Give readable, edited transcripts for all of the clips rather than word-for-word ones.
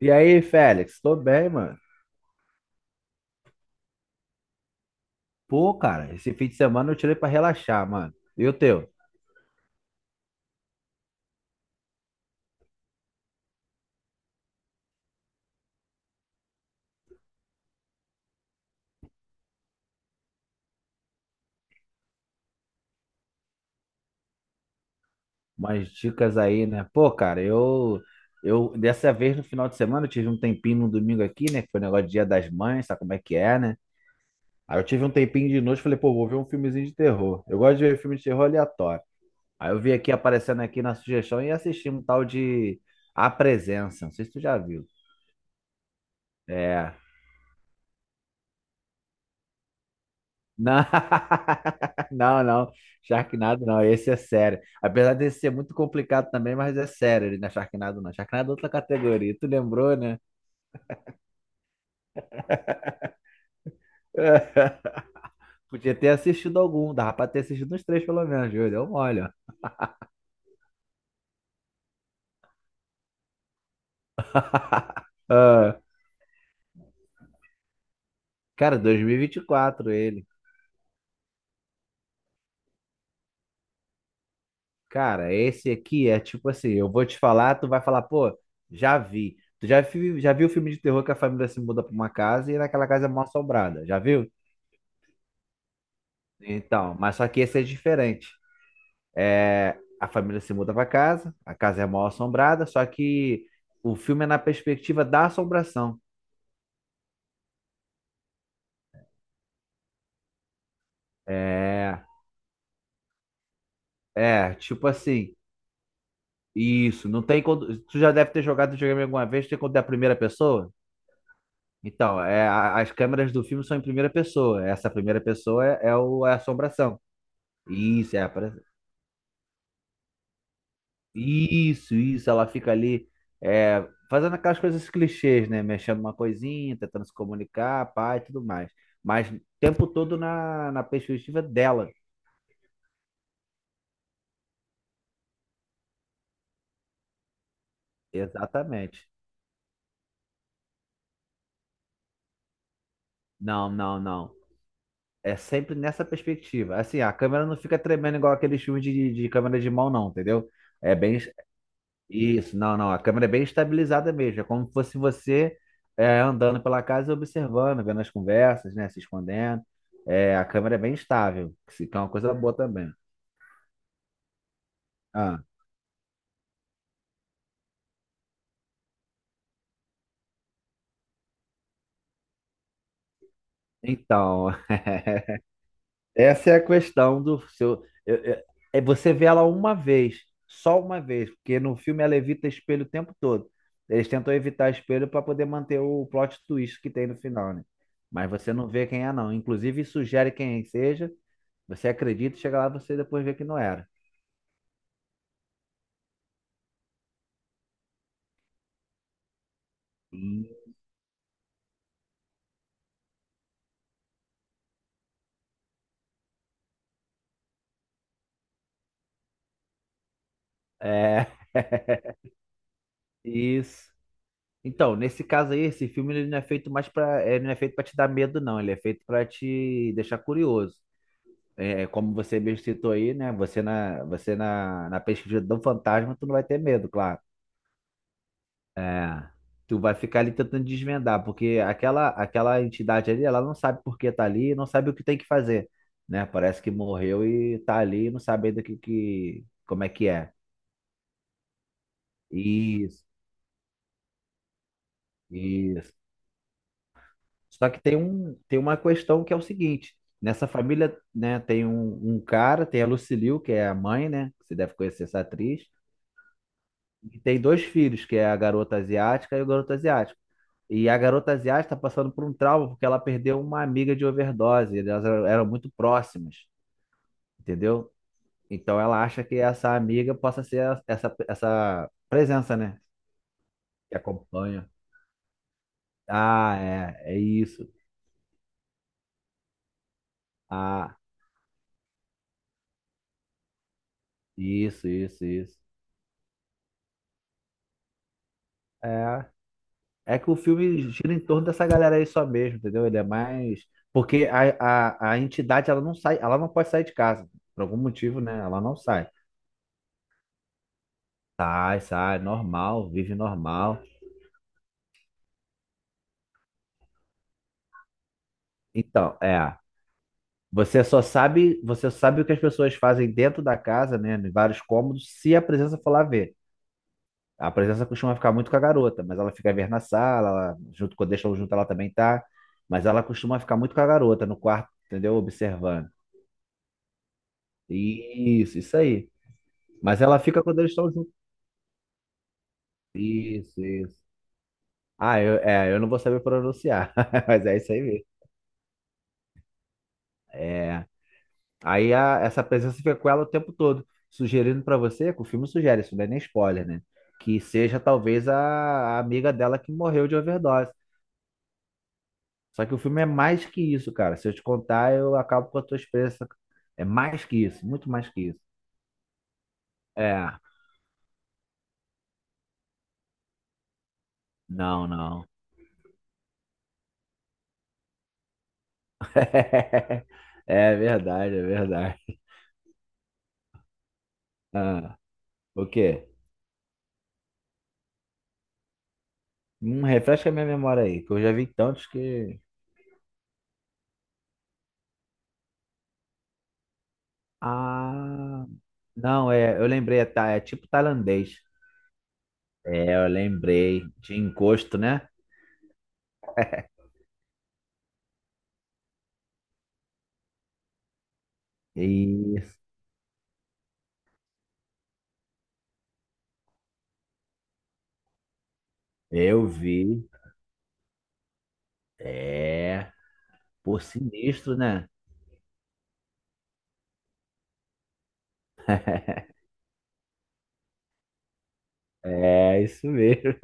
E aí, Félix? Tô bem, mano. Pô, cara, esse fim de semana eu tirei pra relaxar, mano. E o teu? Umas dicas aí, né? Pô, cara, eu dessa vez no final de semana eu tive um tempinho no domingo aqui, né? Que foi negócio de Dia das Mães, sabe como é que é, né? Aí eu tive um tempinho de noite, falei, pô, vou ver um filmezinho de terror. Eu gosto de ver filme de terror aleatório. Aí eu vi aqui aparecendo aqui na sugestão e assisti um tal de A Presença. Não sei se tu já viu. É. Não. Não, não. Sharknado não, esse é sério. Apesar desse ser muito complicado também, mas é sério, ele não é Sharknado não. Sharknado é outra categoria, tu lembrou, né? Podia ter assistido algum, dava pra ter assistido uns três pelo menos, Júlio, deu mole, ó. Ah, cara, 2024, ele. Cara, esse aqui é tipo assim, eu vou te falar, tu vai falar, pô, já vi. Tu já, vi, já viu o filme de terror que a família se muda pra uma casa e naquela casa é mal assombrada, já viu? Então, mas só que esse é diferente. É, a família se muda para casa, a casa é mal assombrada, só que o filme é na perspectiva da assombração. É, tipo assim, isso, não tem quando, tu já deve ter jogado videogame alguma vez, tem quando é a primeira pessoa? Então, é, as câmeras do filme são em primeira pessoa, essa primeira pessoa é a assombração. Isso, é, isso, ela fica ali é, fazendo aquelas coisas clichês, né? Mexendo uma coisinha, tentando se comunicar, pá e tudo mais. Mas o tempo todo na, na perspectiva dela. Exatamente. Não, não, não. É sempre nessa perspectiva. Assim, a câmera não fica tremendo igual aqueles filmes de câmera de mão, não, entendeu? É bem, isso, não, não. A câmera é bem estabilizada mesmo. É como se fosse você é, andando pela casa e observando, vendo as conversas, né? Se escondendo. É, a câmera é bem estável, que que é uma coisa boa também. Ah, então, essa é a questão do seu. É você vê ela uma vez, só uma vez, porque no filme ela evita espelho o tempo todo. Eles tentam evitar espelho para poder manter o plot twist que tem no final, né? Mas você não vê quem é, não. Inclusive, sugere quem seja. Você acredita, e chega lá você depois vê que não era. Sim. É, isso. Então, nesse caso aí, esse filme ele não é feito mais para, ele não é feito para te dar medo, não. Ele é feito para te deixar curioso. É, é como você mesmo citou aí, né? Você na, na pesquisa do fantasma, tu não vai ter medo, claro. É, tu vai ficar ali tentando desvendar, porque aquela, aquela entidade ali, ela não sabe por que tá ali, não sabe o que tem que fazer, né? Parece que morreu e tá ali, e não sabe ainda o que, que, como é que é. Isso, isso. Só que tem um, tem uma questão que é o seguinte, nessa família, né, tem um cara, tem a Lucille que é a mãe, né, que você deve conhecer essa atriz, e tem dois filhos, que é a garota asiática e o garoto asiático. E a garota asiática está passando por um trauma porque ela perdeu uma amiga de overdose, elas eram muito próximas, entendeu? Então ela acha que essa amiga possa ser essa presença, né, que acompanha. Ah, é, é isso. Ah, isso, isso, isso. É, é que o filme gira em torno dessa galera aí só mesmo, entendeu? Ele é mais. Porque a entidade, ela não sai, ela não pode sair de casa. Por algum motivo, né? Ela não sai. Sai, sai, normal, vive normal. Então, é. Você só sabe, você sabe o que as pessoas fazem dentro da casa, né? Em vários cômodos, se a presença for lá ver. A presença costuma ficar muito com a garota, mas ela fica a ver na sala, ela, junto com deixa junto, ela também tá. Mas ela costuma ficar muito com a garota no quarto, entendeu? Observando. Isso aí. Mas ela fica quando eles estão juntos. Isso, isso. Ah, eu, é, eu não vou saber pronunciar, mas é isso aí mesmo. É. Aí essa presença fica com ela o tempo todo, sugerindo pra você, que o filme sugere, isso não é nem spoiler, né? Que seja talvez a amiga dela que morreu de overdose. Só que o filme é mais que isso, cara. Se eu te contar, eu acabo com a tua experiência. É mais que isso, muito mais que isso. É, não, não. É verdade, é verdade. Ah, o quê? Refresca a minha memória aí, que eu já vi tantos que. Ah, não, é, eu lembrei, é, é tipo tailandês. É, eu lembrei de encosto, né? Isso, eu vi. É, por sinistro, né? É, isso mesmo.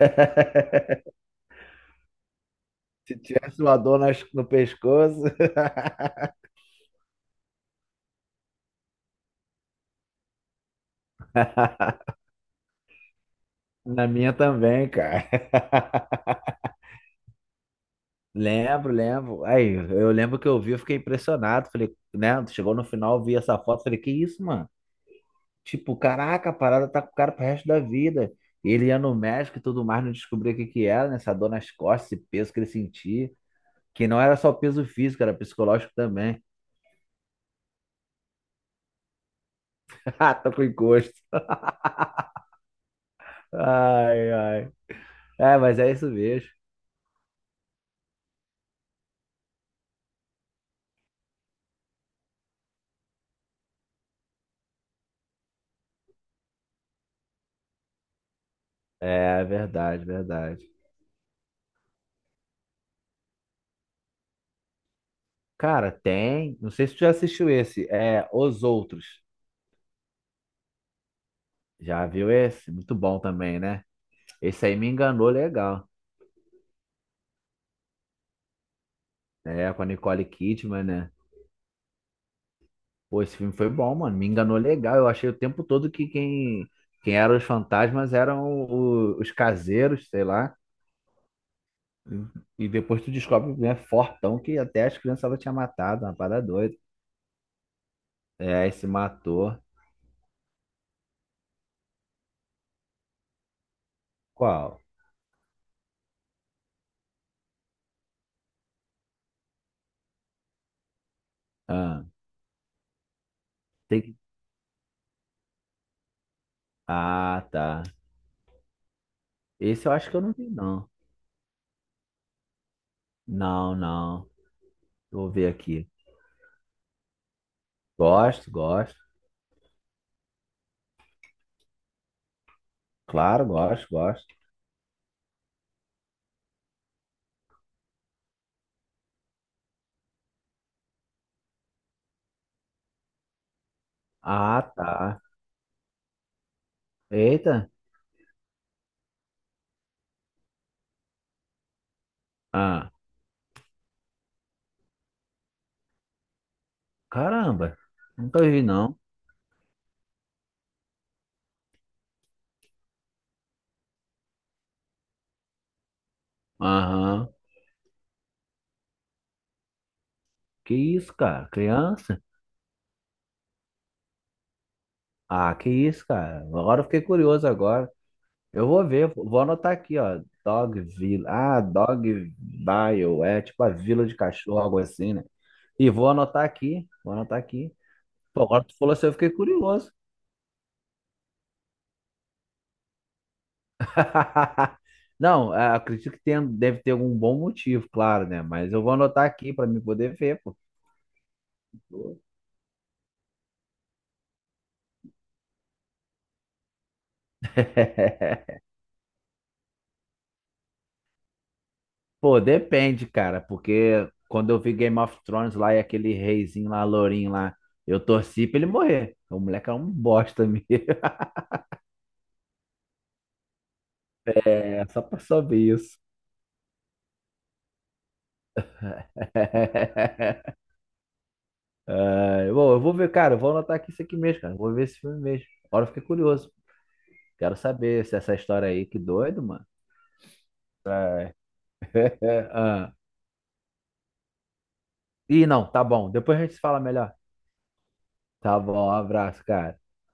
Se tivesse uma dor no pescoço. Na minha também, cara. Lembro, lembro. Aí, eu lembro que eu vi, eu fiquei impressionado. Falei, né? Chegou no final, eu vi essa foto, falei, que isso, mano? Tipo, caraca, a parada tá com o cara pro resto da vida. E ele ia no médico e tudo mais, não descobria o que que era, né? Essa dor nas costas, esse peso que ele sentia. Que não era só peso físico, era psicológico também. Ah, tô com encosto. Ai, ai. É, mas é isso mesmo. É, verdade, verdade. Cara, tem. Não sei se tu já assistiu esse. É, Os Outros. Já viu esse? Muito bom também, né? Esse aí me enganou legal. É, com a Nicole Kidman, né? Pô, esse filme foi bom, mano. Me enganou legal. Eu achei o tempo todo que quem eram os fantasmas eram os caseiros, sei lá. E depois tu descobre, né, fortão, que até as crianças ela tinha matado, uma parada doida. É, esse matou. Qual? Ah, tem que... Ah, tá. Esse eu acho que eu não vi, não. Não, não. Vou ver aqui. Gosto, gosto. Claro, gosto, gosto. Ah, tá. Eita. Ah, caramba. Nunca vi, não. Aham. Que isso, cara? Criança? Ah, que isso, cara? Agora eu fiquei curioso agora. Eu vou ver, vou anotar aqui, ó. Dogville. Ah, Dogville. É tipo a vila de cachorro, algo assim, né? E vou anotar aqui. Vou anotar aqui. Pô, agora tu falou assim, eu fiquei curioso. Não, é, acredito que tem, deve ter algum bom motivo, claro, né? Mas eu vou anotar aqui pra me poder ver, pô. Pô, depende, cara, porque quando eu vi Game of Thrones lá e aquele reizinho lá, lourinho lá, eu torci pra ele morrer. O moleque é um bosta mesmo. É só pra saber isso. É, bom, eu vou ver, cara, eu vou anotar aqui isso aqui mesmo, cara. Eu vou ver esse filme mesmo. Agora eu fiquei curioso. Quero saber se essa história aí, que doido, mano. É, é, ah. Ih, não, tá bom. Depois a gente se fala melhor. Tá bom, um abraço, cara.